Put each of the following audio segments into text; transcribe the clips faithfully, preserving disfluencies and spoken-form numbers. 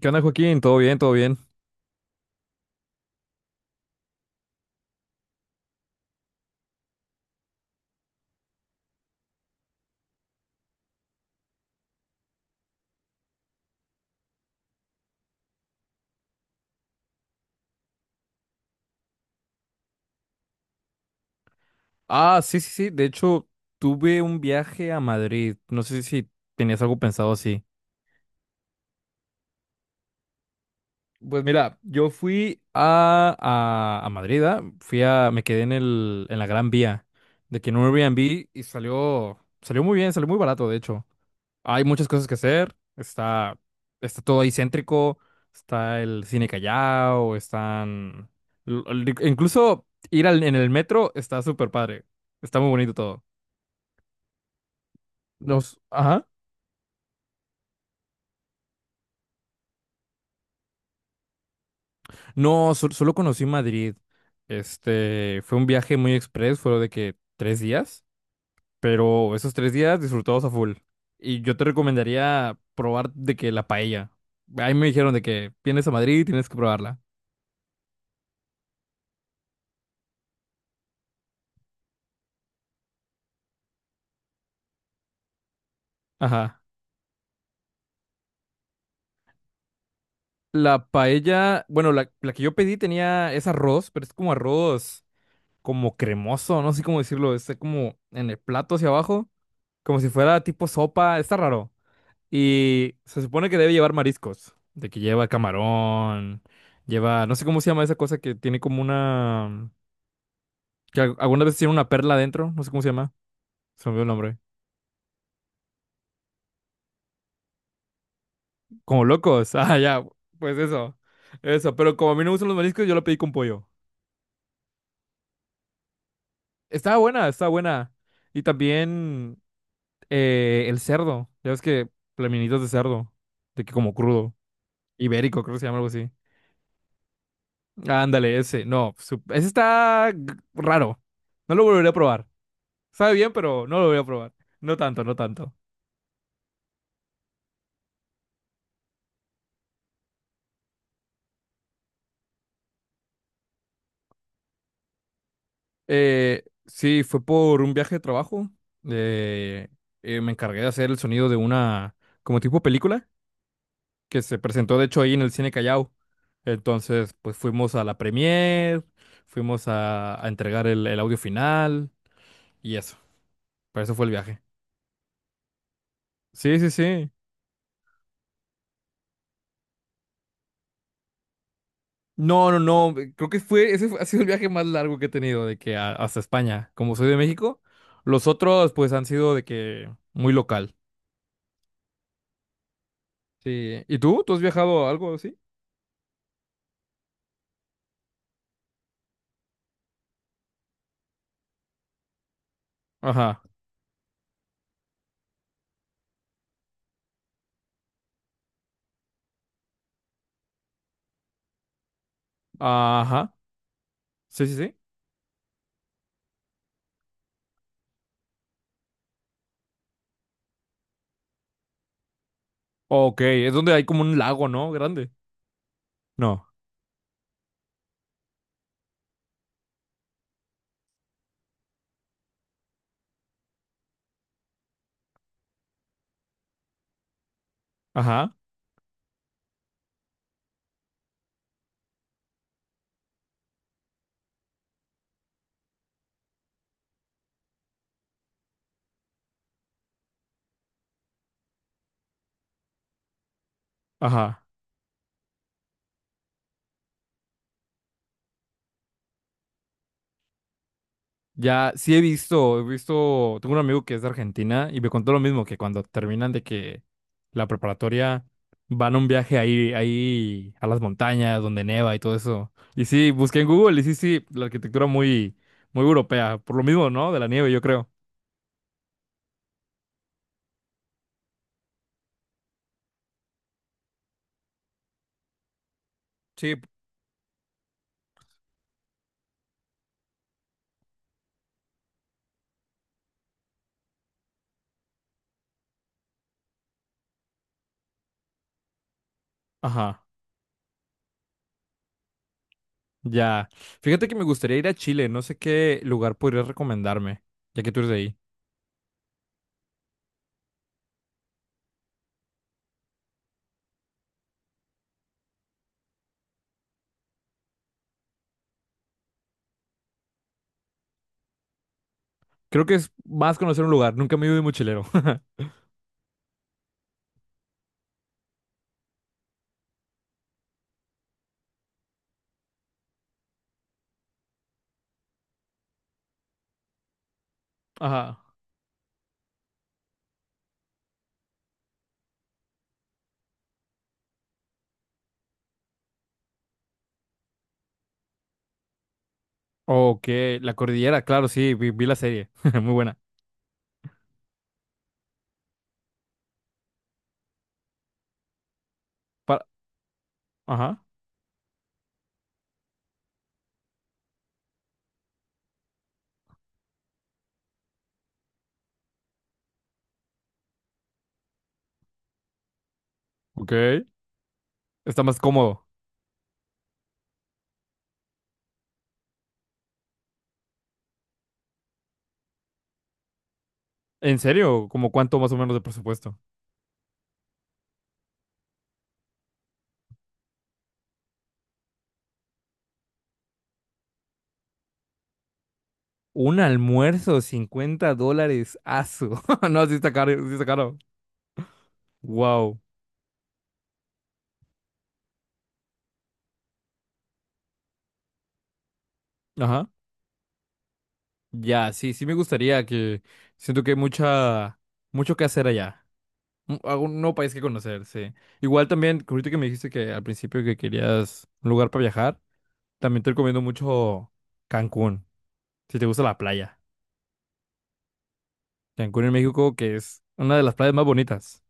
¿Qué onda, Joaquín? ¿Todo bien? ¿Todo bien? Ah, sí, sí, sí. De hecho, tuve un viaje a Madrid. No sé si tenías algo pensado así. Pues mira, yo fui a, a, a Madrid, ¿ah? Fui a, me quedé en el, en la Gran Vía, de que en un Airbnb y salió, salió muy bien, salió muy barato, de hecho. Hay muchas cosas que hacer, está, está todo ahí céntrico, está el cine Callao, están, l- l- incluso ir al, en el metro está súper padre, está muy bonito todo. Los, ajá. No, sol- solo conocí Madrid. Este, fue un viaje muy express, fue de que tres días, pero esos tres días disfrutados a full. Y yo te recomendaría probar de que la paella. Ahí me dijeron de que vienes a Madrid y tienes que probarla. Ajá. La paella, bueno, la, la que yo pedí tenía, es arroz, pero es como arroz como cremoso, no sé cómo decirlo, está como en el plato hacia abajo, como si fuera tipo sopa, está raro. Y se supone que debe llevar mariscos, de que lleva camarón, lleva, no sé cómo se llama esa cosa que tiene como una, que al- algunas veces tiene una perla adentro, no sé cómo se llama, se me olvidó el nombre. Como locos, ah, ya, pues eso, eso, pero como a mí no me gustan los mariscos, yo lo pedí con pollo. Estaba buena, estaba buena. Y también eh, el cerdo, ya ves que plaminitos de cerdo, de que como crudo, ibérico, creo que se llama algo así. Ándale, ese, no, su- ese está g- raro, no lo volveré a probar. Sabe bien, pero no lo voy a probar. No tanto, no tanto. Eh, sí, fue por un viaje de trabajo. Eh, eh, Me encargué de hacer el sonido de una, como tipo película, que se presentó de hecho ahí en el Cine Callao. Entonces, pues fuimos a la premiere, fuimos a, a entregar el, el audio final y eso. Para eso fue el viaje. Sí, sí, sí. No, no, no. eh, Creo que fue, ese fue- ha sido el viaje más largo que he tenido, de que a- hasta España. Como soy de México, los otros pues han sido de que muy local. Sí. ¿Y tú? ¿Tú has viajado a algo así? Ajá. Ajá. Sí, sí, sí. Ok, es donde hay como un lago, ¿no? Grande. No. Ajá. Ajá. Ya, sí he visto, he visto, tengo un amigo que es de Argentina y me contó lo mismo, que cuando terminan de que la preparatoria van a un viaje ahí, ahí a las montañas donde neva y todo eso. Y sí, busqué en Google y sí, sí, la arquitectura muy, muy europea, por lo mismo, ¿no? De la nieve, yo creo. Sí, ajá. Ya. Fíjate que me gustaría ir a Chile. No sé qué lugar podrías recomendarme, ya que tú eres de ahí. Creo que es más conocer un lugar. Nunca me he ido de mochilero. Ajá. Ok, la cordillera, claro, sí, vi, vi la serie. Muy buena. Pa- Ajá. Ok. Está más cómodo. ¿En serio? ¿Como cuánto más o menos de presupuesto? Un almuerzo, cincuenta dólares. Asu. No, sí está caro, sí está caro. Wow. Ajá. Ya, sí, sí me gustaría que. Siento que hay mucha. Mucho que hacer allá. Un- algún nuevo país que conocer, sí. Igual también, que ahorita que me dijiste que al principio que querías un lugar para viajar, también te recomiendo mucho Cancún, si te gusta la playa. Cancún en México, que es una de las playas más bonitas.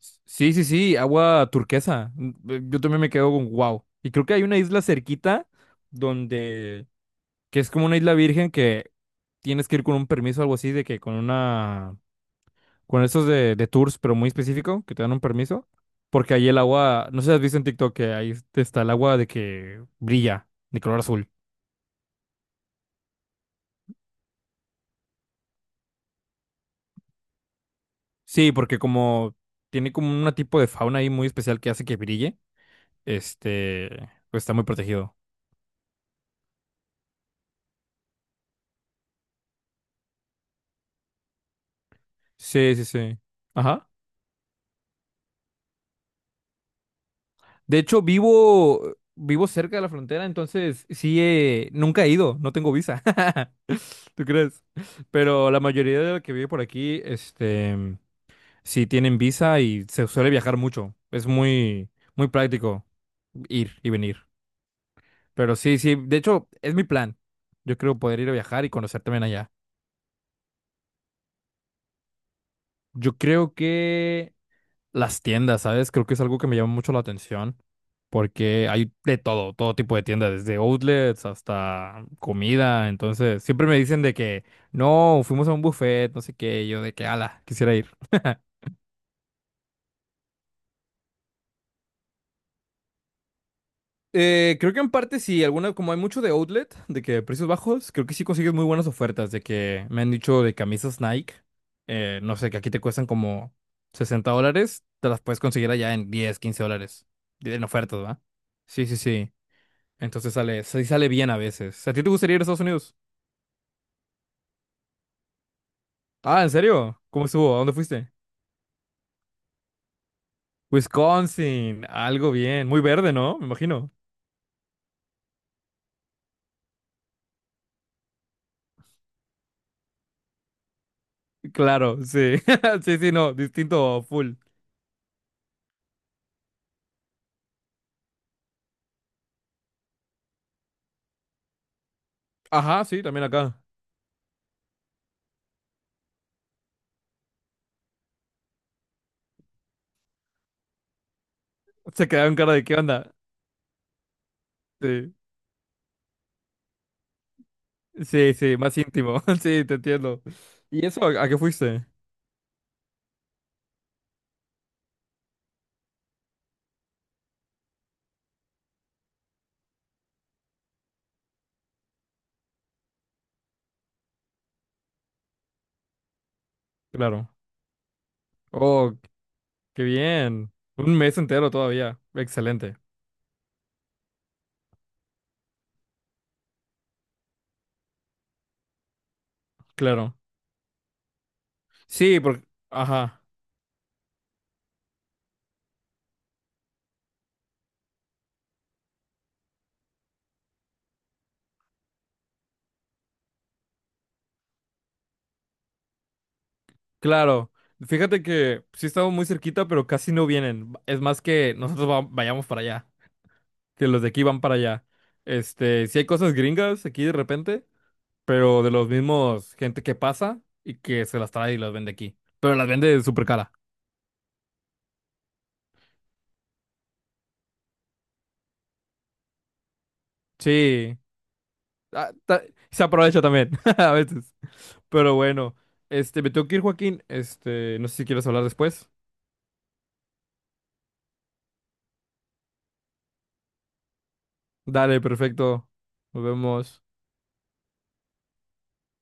S- Sí, sí, sí, agua turquesa. Mm, eh, Yo también me quedo con wow. Y creo que hay una isla cerquita donde, que es como una isla virgen que tienes que ir con un permiso o algo así, de que con una con estos de, de tours, pero muy específico, que te dan un permiso, porque ahí el agua, no sé si has visto en TikTok que ahí está el agua de que brilla, de color azul. Sí, porque como tiene como un tipo de fauna ahí muy especial que hace que brille, este, pues está muy protegido. Sí, sí, sí. Ajá. De hecho, vivo, vivo cerca de la frontera, entonces sí, eh, nunca he ido, no tengo visa. ¿Tú crees? Pero la mayoría de la que vive por aquí, este... Sí, tienen visa y se suele viajar mucho. Es muy, muy práctico ir y venir. Pero sí, sí, de hecho, es mi plan. Yo creo poder ir a viajar y conocer también allá. Yo creo que las tiendas, ¿sabes? Creo que es algo que me llama mucho la atención. Porque hay de todo, todo tipo de tiendas, desde outlets hasta comida. Entonces, siempre me dicen de que no, fuimos a un buffet, no sé qué. Y Yo de que, ala, quisiera ir. Eh, creo que en parte sí, alguna, como hay mucho de outlet, de que precios bajos, creo que sí consigues muy buenas ofertas, de que me han dicho de camisas Nike, eh, no sé, que aquí te cuestan como sesenta dólares, te las puedes conseguir allá en diez quince dólares, de- en ofertas, ¿va? Sí, sí, sí, entonces sale, sí sale bien a veces. ¿A ti te gustaría ir a Estados Unidos? Ah, ¿en serio? ¿Cómo estuvo? ¿A dónde fuiste? Wisconsin, algo bien, muy verde, ¿no? Me imagino. Claro, sí, sí, sí, no, distinto, full. Ajá, sí, también acá. Se quedaron cara de qué onda. Sí, sí, sí, más íntimo. Sí, te entiendo. ¿Y eso a, a qué fuiste? Claro. Oh, qué bien. Un mes entero todavía. Excelente. Claro. Sí, porque... Ajá. Claro. Fíjate que sí estamos muy cerquita, pero casi no vienen. Es más que nosotros va- vayamos para allá. Que los de aquí van para allá. Este, sí hay cosas gringas aquí de repente, pero de los mismos gente que pasa y que se las trae y las vende aquí. Pero las vende súper cara. Sí. Ah, ta- se aprovecha también, a veces. Pero bueno, este, me tengo que ir, Joaquín. Este, no sé si quieres hablar después. Dale, perfecto. Nos vemos.